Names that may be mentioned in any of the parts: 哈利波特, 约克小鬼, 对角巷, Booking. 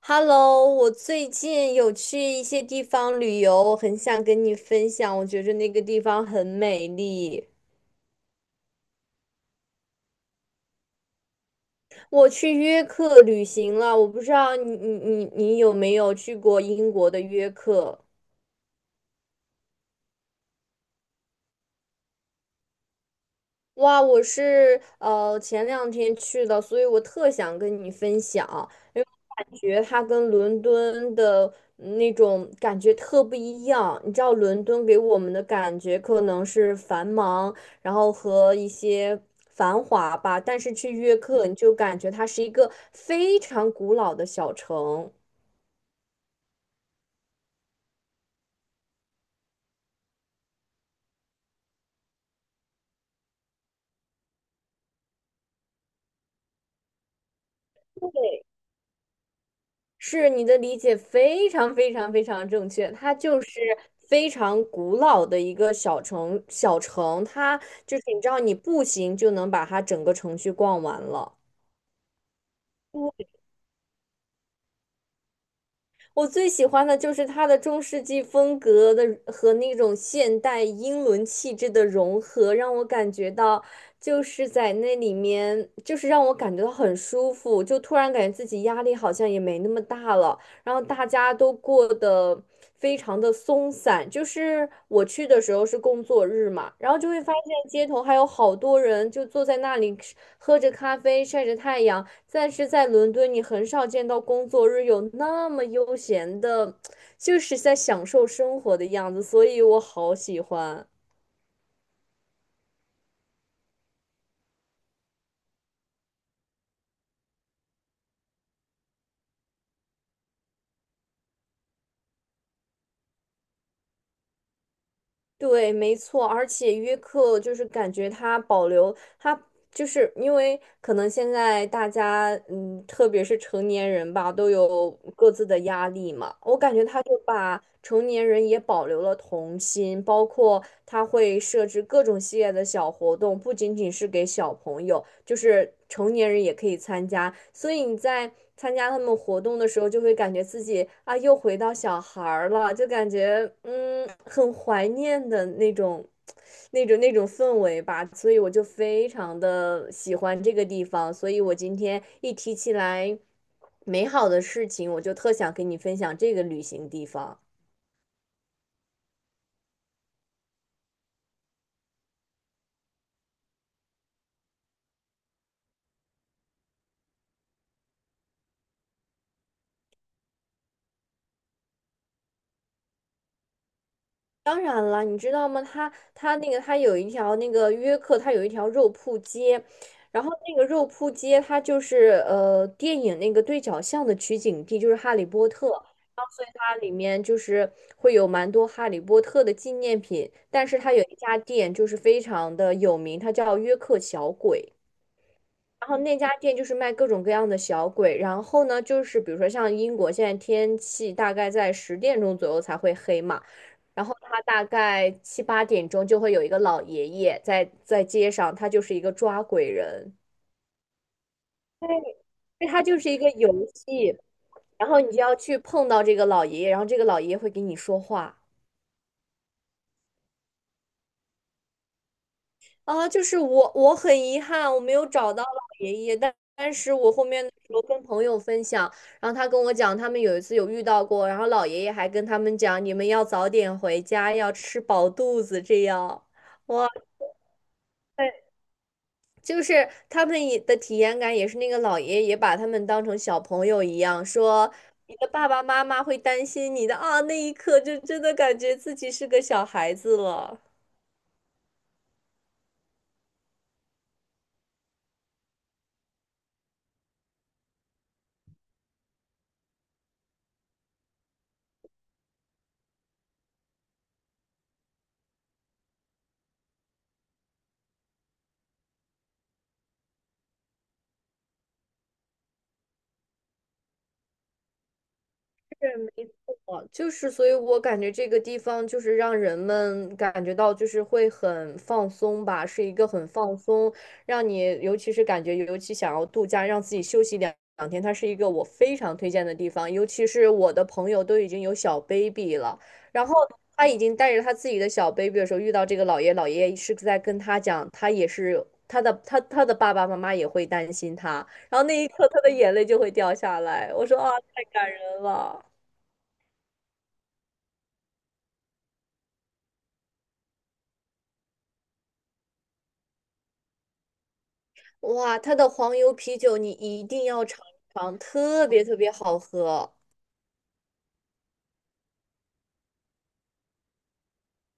Hello，我最近有去一些地方旅游，我很想跟你分享，我觉着那个地方很美丽。我去约克旅行了，我不知道你有没有去过英国的约克？哇，我是前两天去的，所以我特想跟你分享，因为我感觉它跟伦敦的那种感觉特不一样。你知道，伦敦给我们的感觉可能是繁忙，然后和一些繁华吧，但是去约克你就感觉它是一个非常古老的小城。是你的理解非常正确，它就是非常古老的一个小城，它就是你知道，你步行就能把它整个城区逛完了。我最喜欢的就是它的中世纪风格的和那种现代英伦气质的融合，让我感觉到就是在那里面，就是让我感觉到很舒服，就突然感觉自己压力好像也没那么大了。然后大家都过得非常的松散。就是我去的时候是工作日嘛，然后就会发现街头还有好多人就坐在那里吃喝着咖啡，晒着太阳。但是在伦敦，你很少见到工作日有那么悠闲的，就是在享受生活的样子，所以我好喜欢。对，没错，而且约克就是感觉它保留它就是因为可能现在大家，嗯，特别是成年人吧，都有各自的压力嘛。我感觉他就把成年人也保留了童心，包括他会设置各种系列的小活动，不仅仅是给小朋友，就是成年人也可以参加。所以你在参加他们活动的时候，就会感觉自己啊，又回到小孩儿了，就感觉嗯，很怀念的那种那种氛围吧，所以我就非常的喜欢这个地方，所以我今天一提起来美好的事情，我就特想跟你分享这个旅行地方。当然了，你知道吗？它有一条那个约克，它有一条肉铺街，然后那个肉铺街它就是电影那个对角巷的取景地，就是《哈利波特》，然后所以它里面就是会有蛮多《哈利波特》的纪念品，但是它有一家店就是非常的有名，它叫约克小鬼。然后那家店就是卖各种各样的小鬼，然后呢，就是比如说像英国现在天气大概在十点钟左右才会黑嘛，然后他大概七八点钟就会有一个老爷爷在街上，他就是一个抓鬼人，对，对，他就是一个游戏，然后你就要去碰到这个老爷爷，然后这个老爷爷会给你说话。啊，我很遗憾，我没有找到老爷爷，但是我后面的时候跟朋友分享，然后他跟我讲，他们有一次有遇到过，然后老爷爷还跟他们讲，你们要早点回家，要吃饱肚子，这样，哇，塞，就是他们也的体验感也是那个老爷爷把他们当成小朋友一样，说你的爸爸妈妈会担心你的啊，那一刻就真的感觉自己是个小孩子了。是没错，就是，所以我感觉这个地方就是让人们感觉到就是会很放松吧，是一个很放松，让你尤其是感觉尤其想要度假，让自己休息两天，它是一个我非常推荐的地方，尤其是我的朋友都已经有小 baby 了，然后他已经带着他自己的小 baby 的时候，遇到老爷爷是在跟他讲，他他的爸爸妈妈也会担心他，然后那一刻他的眼泪就会掉下来，我说啊，太感人了。哇，它的黄油啤酒你一定要尝一尝，特别特别好喝。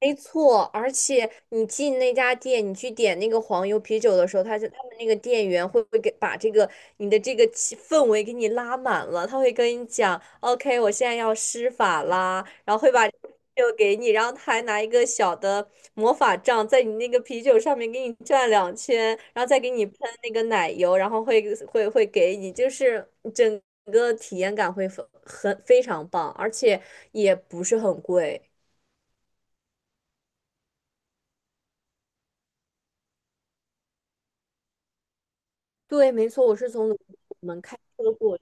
没错，而且你进那家店，你去点那个黄油啤酒的时候，他们那个店员会给把这个你的这个气氛围给你拉满了，他会跟你讲，OK，我现在要施法啦，然后会把这个啤酒给你，然后他还拿一个小的魔法杖在你那个啤酒上面给你转两圈，然后再给你喷那个奶油，然后会给你，就是整个体验感会很非常棒，而且也不是很贵。对，没错，我是从。德国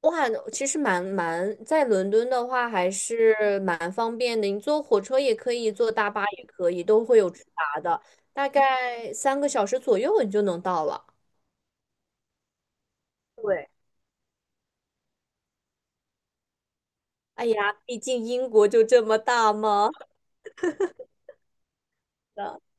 哇，其实蛮在伦敦的话还是蛮方便的，你坐火车也可以，坐大巴也可以，都会有直达的，大概三个小时左右你就能到了。对，哎呀，毕竟英国就这么大嘛。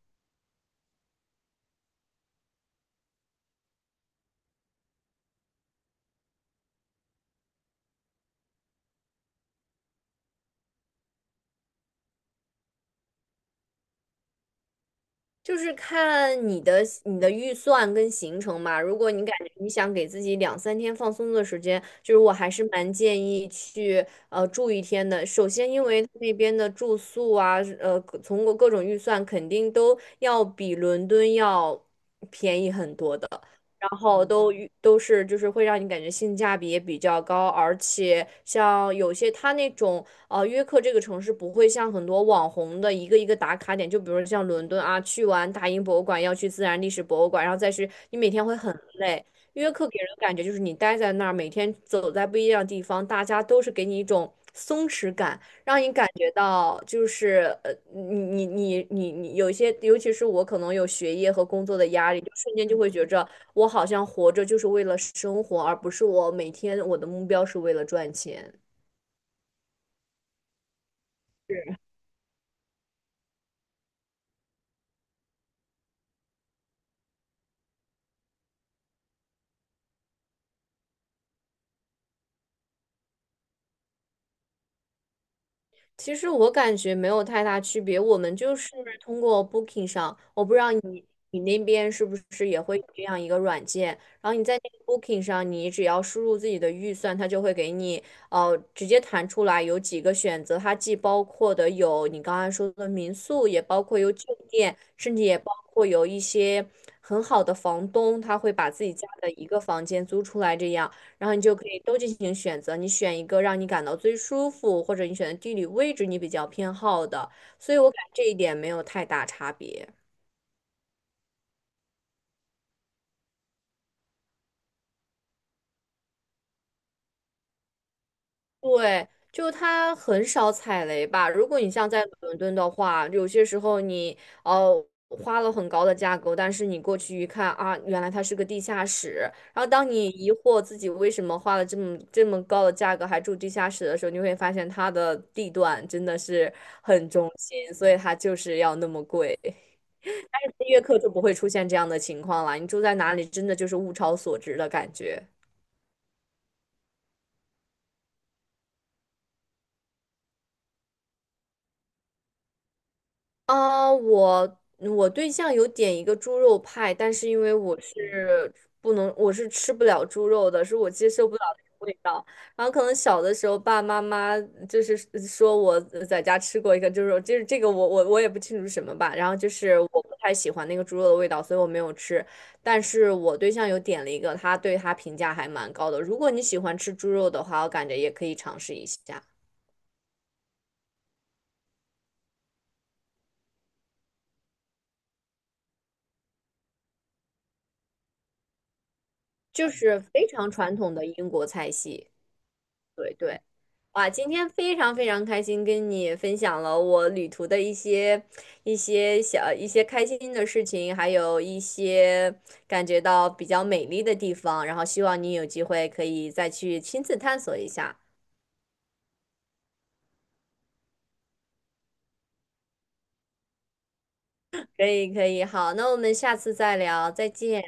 就是看你的预算跟行程嘛。如果你感觉你想给自己两三天放松的时间，就是我还是蛮建议去住一天的。首先，因为那边的住宿啊，呃，各从各各种预算肯定都要比伦敦要便宜很多的。然后都是就是会让你感觉性价比也比较高，而且像有些它那种哦，约克这个城市不会像很多网红的一个打卡点，就比如像伦敦啊，去完大英博物馆要去自然历史博物馆，然后再是你每天会很累。约克给人的感觉就是你待在那儿，每天走在不一样的地方，大家都是给你一种松弛感，让你感觉到就是你你有一些，尤其是我可能有学业和工作的压力，就瞬间就会觉着我好像活着就是为了生活，而不是我每天我的目标是为了赚钱。其实我感觉没有太大区别，我们就是通过 Booking 上，我不知道你那边是不是也会有这样一个软件，然后你在那个 Booking 上，你只要输入自己的预算，它就会给你直接弹出来有几个选择，它既包括的有你刚才说的民宿，也包括有酒店，甚至也包括有一些很好的房东，他会把自己家的一个房间租出来这样。然后你就可以都进行选择，你选一个让你感到最舒服，或者你选的地理位置你比较偏好的，所以我感觉这一点没有太大差别。对，就它很少踩雷吧。如果你像在伦敦的话，有些时候你哦花了很高的价格，但是你过去一看啊，原来它是个地下室。然后当你疑惑自己为什么花了这么高的价格还住地下室的时候，你会发现它的地段真的是很中心，所以它就是要那么贵。但是音乐课就不会出现这样的情况了。你住在哪里，真的就是物超所值的感觉。啊，我对象有点一个猪肉派，但是因为我是吃不了猪肉的，是我接受不了那个味道。然后可能小的时候，爸爸妈妈就是说我在家吃过一个猪肉，就是这个我也不清楚是什么吧。然后就是我不太喜欢那个猪肉的味道，所以我没有吃。但是我对象有点了一个，他对他评价还蛮高的。如果你喜欢吃猪肉的话，我感觉也可以尝试一下，就是非常传统的英国菜系。对对，哇，今天非常非常开心跟你分享了我旅途的一些小一些开心的事情，还有一些感觉到比较美丽的地方，然后希望你有机会可以再去亲自探索一下。可以可以，好，那我们下次再聊，再见。